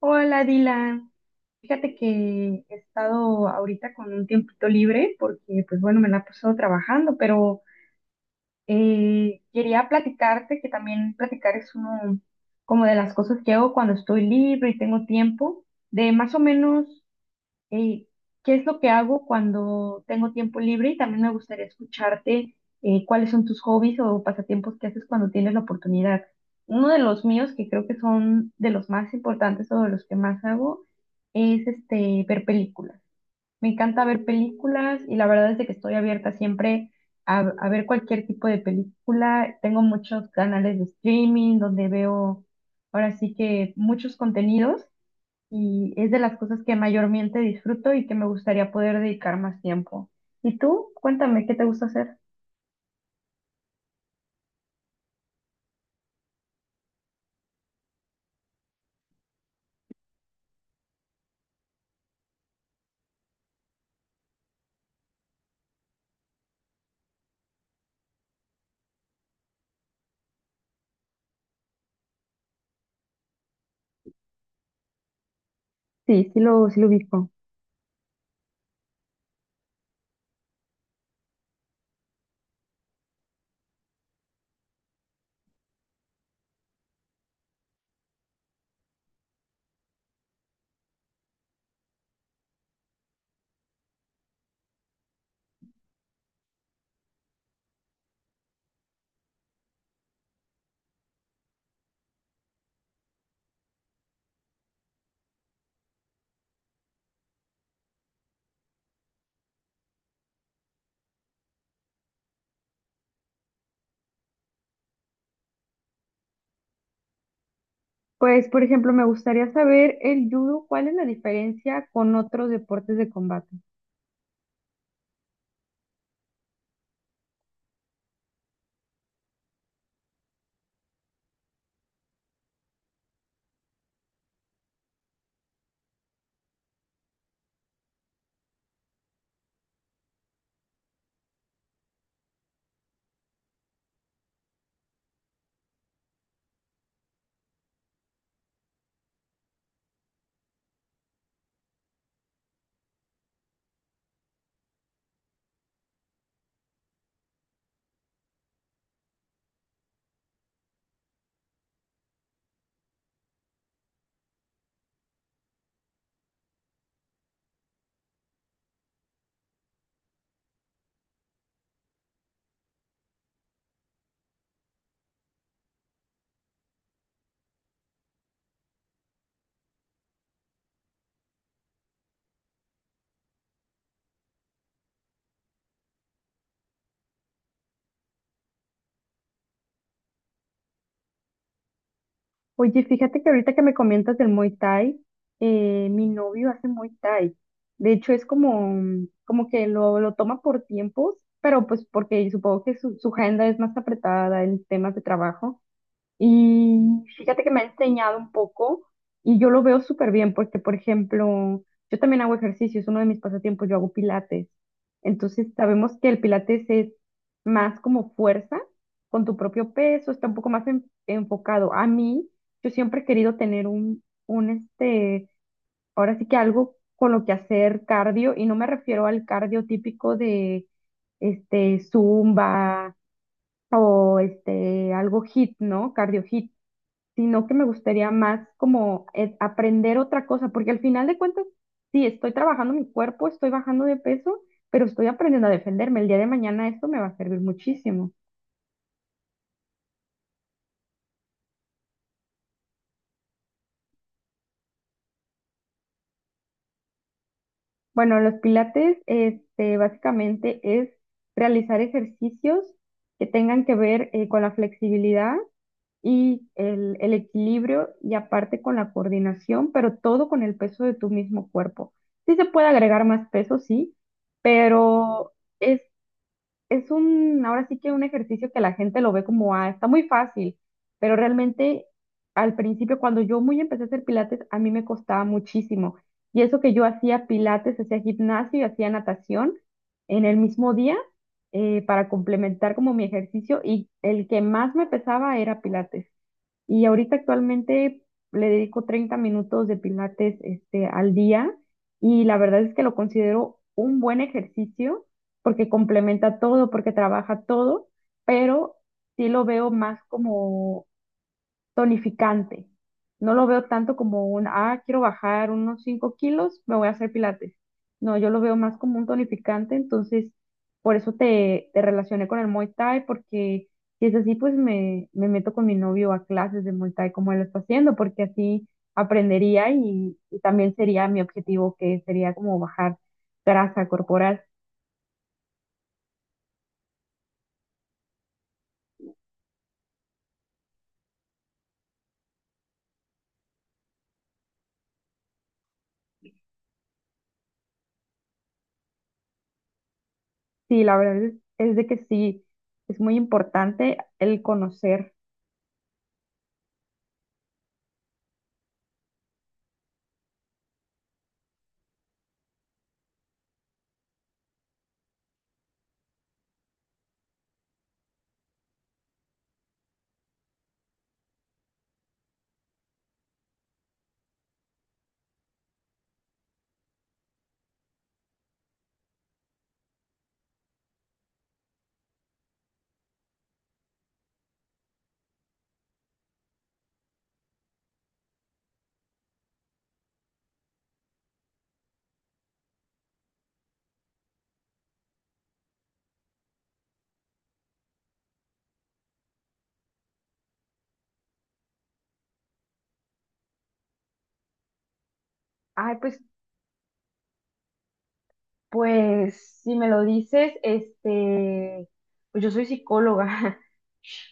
Hola, Dylan. Fíjate que he estado ahorita con un tiempito libre porque, pues bueno, me la he pasado trabajando, pero quería platicarte que también platicar es uno como de las cosas que hago cuando estoy libre y tengo tiempo, de más o menos eh, qué es lo que hago cuando tengo tiempo libre y también me gustaría escucharte cuáles son tus hobbies o pasatiempos que haces cuando tienes la oportunidad. Uno de los míos, que creo que son de los más importantes o de los que más hago, es este, ver películas. Me encanta ver películas y la verdad es de que estoy abierta siempre a ver cualquier tipo de película. Tengo muchos canales de streaming donde veo ahora sí que muchos contenidos y es de las cosas que mayormente disfruto y que me gustaría poder dedicar más tiempo. ¿Y tú? Cuéntame, ¿qué te gusta hacer? Sí, sí lo ubico. Pues, por ejemplo, me gustaría saber el judo, ¿cuál es la diferencia con otros deportes de combate? Oye, fíjate que ahorita que me comentas del Muay Thai, mi novio hace Muay Thai. De hecho, es como, lo toma por tiempos, pero pues porque supongo que su agenda es más apretada en temas de trabajo. Y fíjate que me ha enseñado un poco y yo lo veo súper bien porque, por ejemplo, yo también hago ejercicio, es uno de mis pasatiempos, yo hago pilates. Entonces sabemos que el pilates es más como fuerza con tu propio peso, está un poco más enfocado. A mí, yo siempre he querido tener un este, ahora sí que algo con lo que hacer cardio y no me refiero al cardio típico de este, zumba o este, algo hit, ¿no? Cardio hit sino que me gustaría más como aprender otra cosa, porque al final de cuentas, sí, estoy trabajando mi cuerpo, estoy bajando de peso, pero estoy aprendiendo a defenderme. El día de mañana esto me va a servir muchísimo. Bueno, los pilates, este, básicamente es realizar ejercicios que tengan que ver con la flexibilidad y el equilibrio y aparte con la coordinación, pero todo con el peso de tu mismo cuerpo. Sí se puede agregar más peso, sí, pero es es un, ahora sí que un ejercicio que la gente lo ve como, ah, está muy fácil, pero realmente al principio, cuando yo muy empecé a hacer pilates, a mí me costaba muchísimo. Y eso que yo hacía pilates, hacía gimnasio y hacía natación en el mismo día para complementar como mi ejercicio y el que más me pesaba era pilates. Y ahorita actualmente le dedico 30 minutos de pilates este, al día y la verdad es que lo considero un buen ejercicio porque complementa todo, porque trabaja todo, pero sí lo veo más como tonificante. No lo veo tanto como un, ah, quiero bajar unos 5 kilos, me voy a hacer pilates. No, yo lo veo más como un tonificante, entonces por eso te relacioné con el Muay Thai, porque si es así, pues me meto con mi novio a clases de Muay Thai como él lo está haciendo, porque así aprendería y también sería mi objetivo, que sería como bajar grasa corporal. Sí, la verdad es de que sí, es muy importante el conocer. Ay, pues pues si me lo dices, este, pues yo soy psicóloga,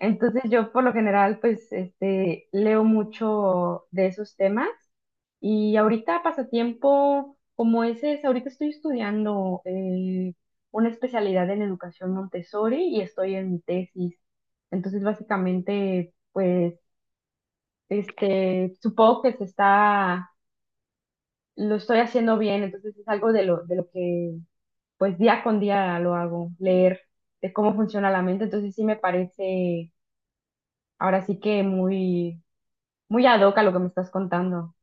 entonces yo por lo general pues este, leo mucho de esos temas y ahorita pasatiempo como ese es, ahorita estoy estudiando una especialidad en educación Montessori y estoy en mi tesis, entonces básicamente pues este, supongo que se está, lo estoy haciendo bien, entonces es algo de lo que pues día con día lo hago, leer de cómo funciona la mente, entonces sí me parece ahora sí que muy ad hoc a lo que me estás contando.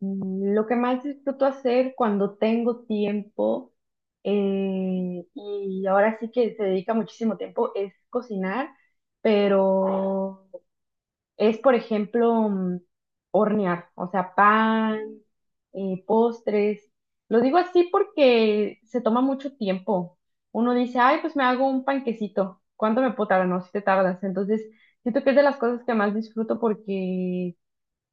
Mm, lo que más disfruto hacer cuando tengo tiempo, y ahora sí que se dedica muchísimo tiempo, es cocinar, pero es, por ejemplo, mm, hornear, o sea, pan, postres. Lo digo así porque se toma mucho tiempo. Uno dice, ay, pues me hago un panquecito. ¿Cuánto me puedo tardar? No, si te tardas. Entonces, siento que es de las cosas que más disfruto porque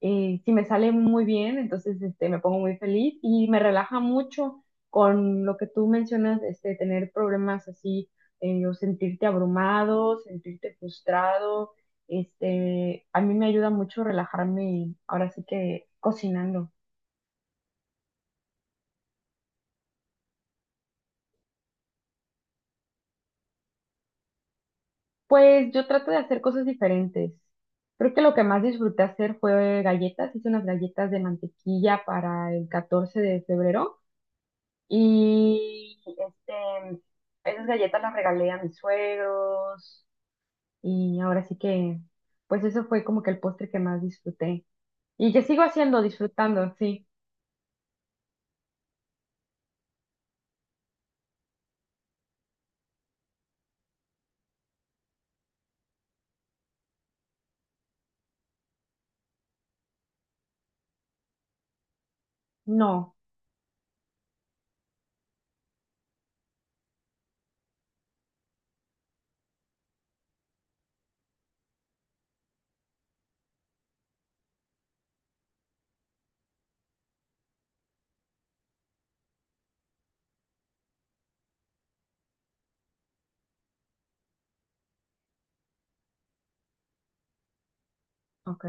si me sale muy bien, entonces este, me pongo muy feliz y me relaja mucho con lo que tú mencionas, este, tener problemas así, o sentirte abrumado, sentirte frustrado. Este, a mí me ayuda mucho relajarme ahora sí que cocinando. Pues yo trato de hacer cosas diferentes. Creo que lo que más disfruté hacer fue galletas. Hice unas galletas de mantequilla para el 14 de febrero. Y este, esas galletas las regalé a mis suegros y ahora sí que, pues eso fue como que el postre que más disfruté y que sigo haciendo, disfrutando, sí. No, ok.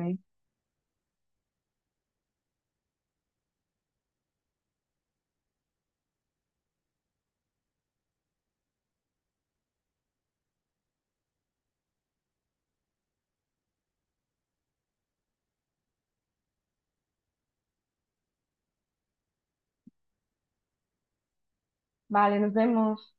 Vale, nos vemos.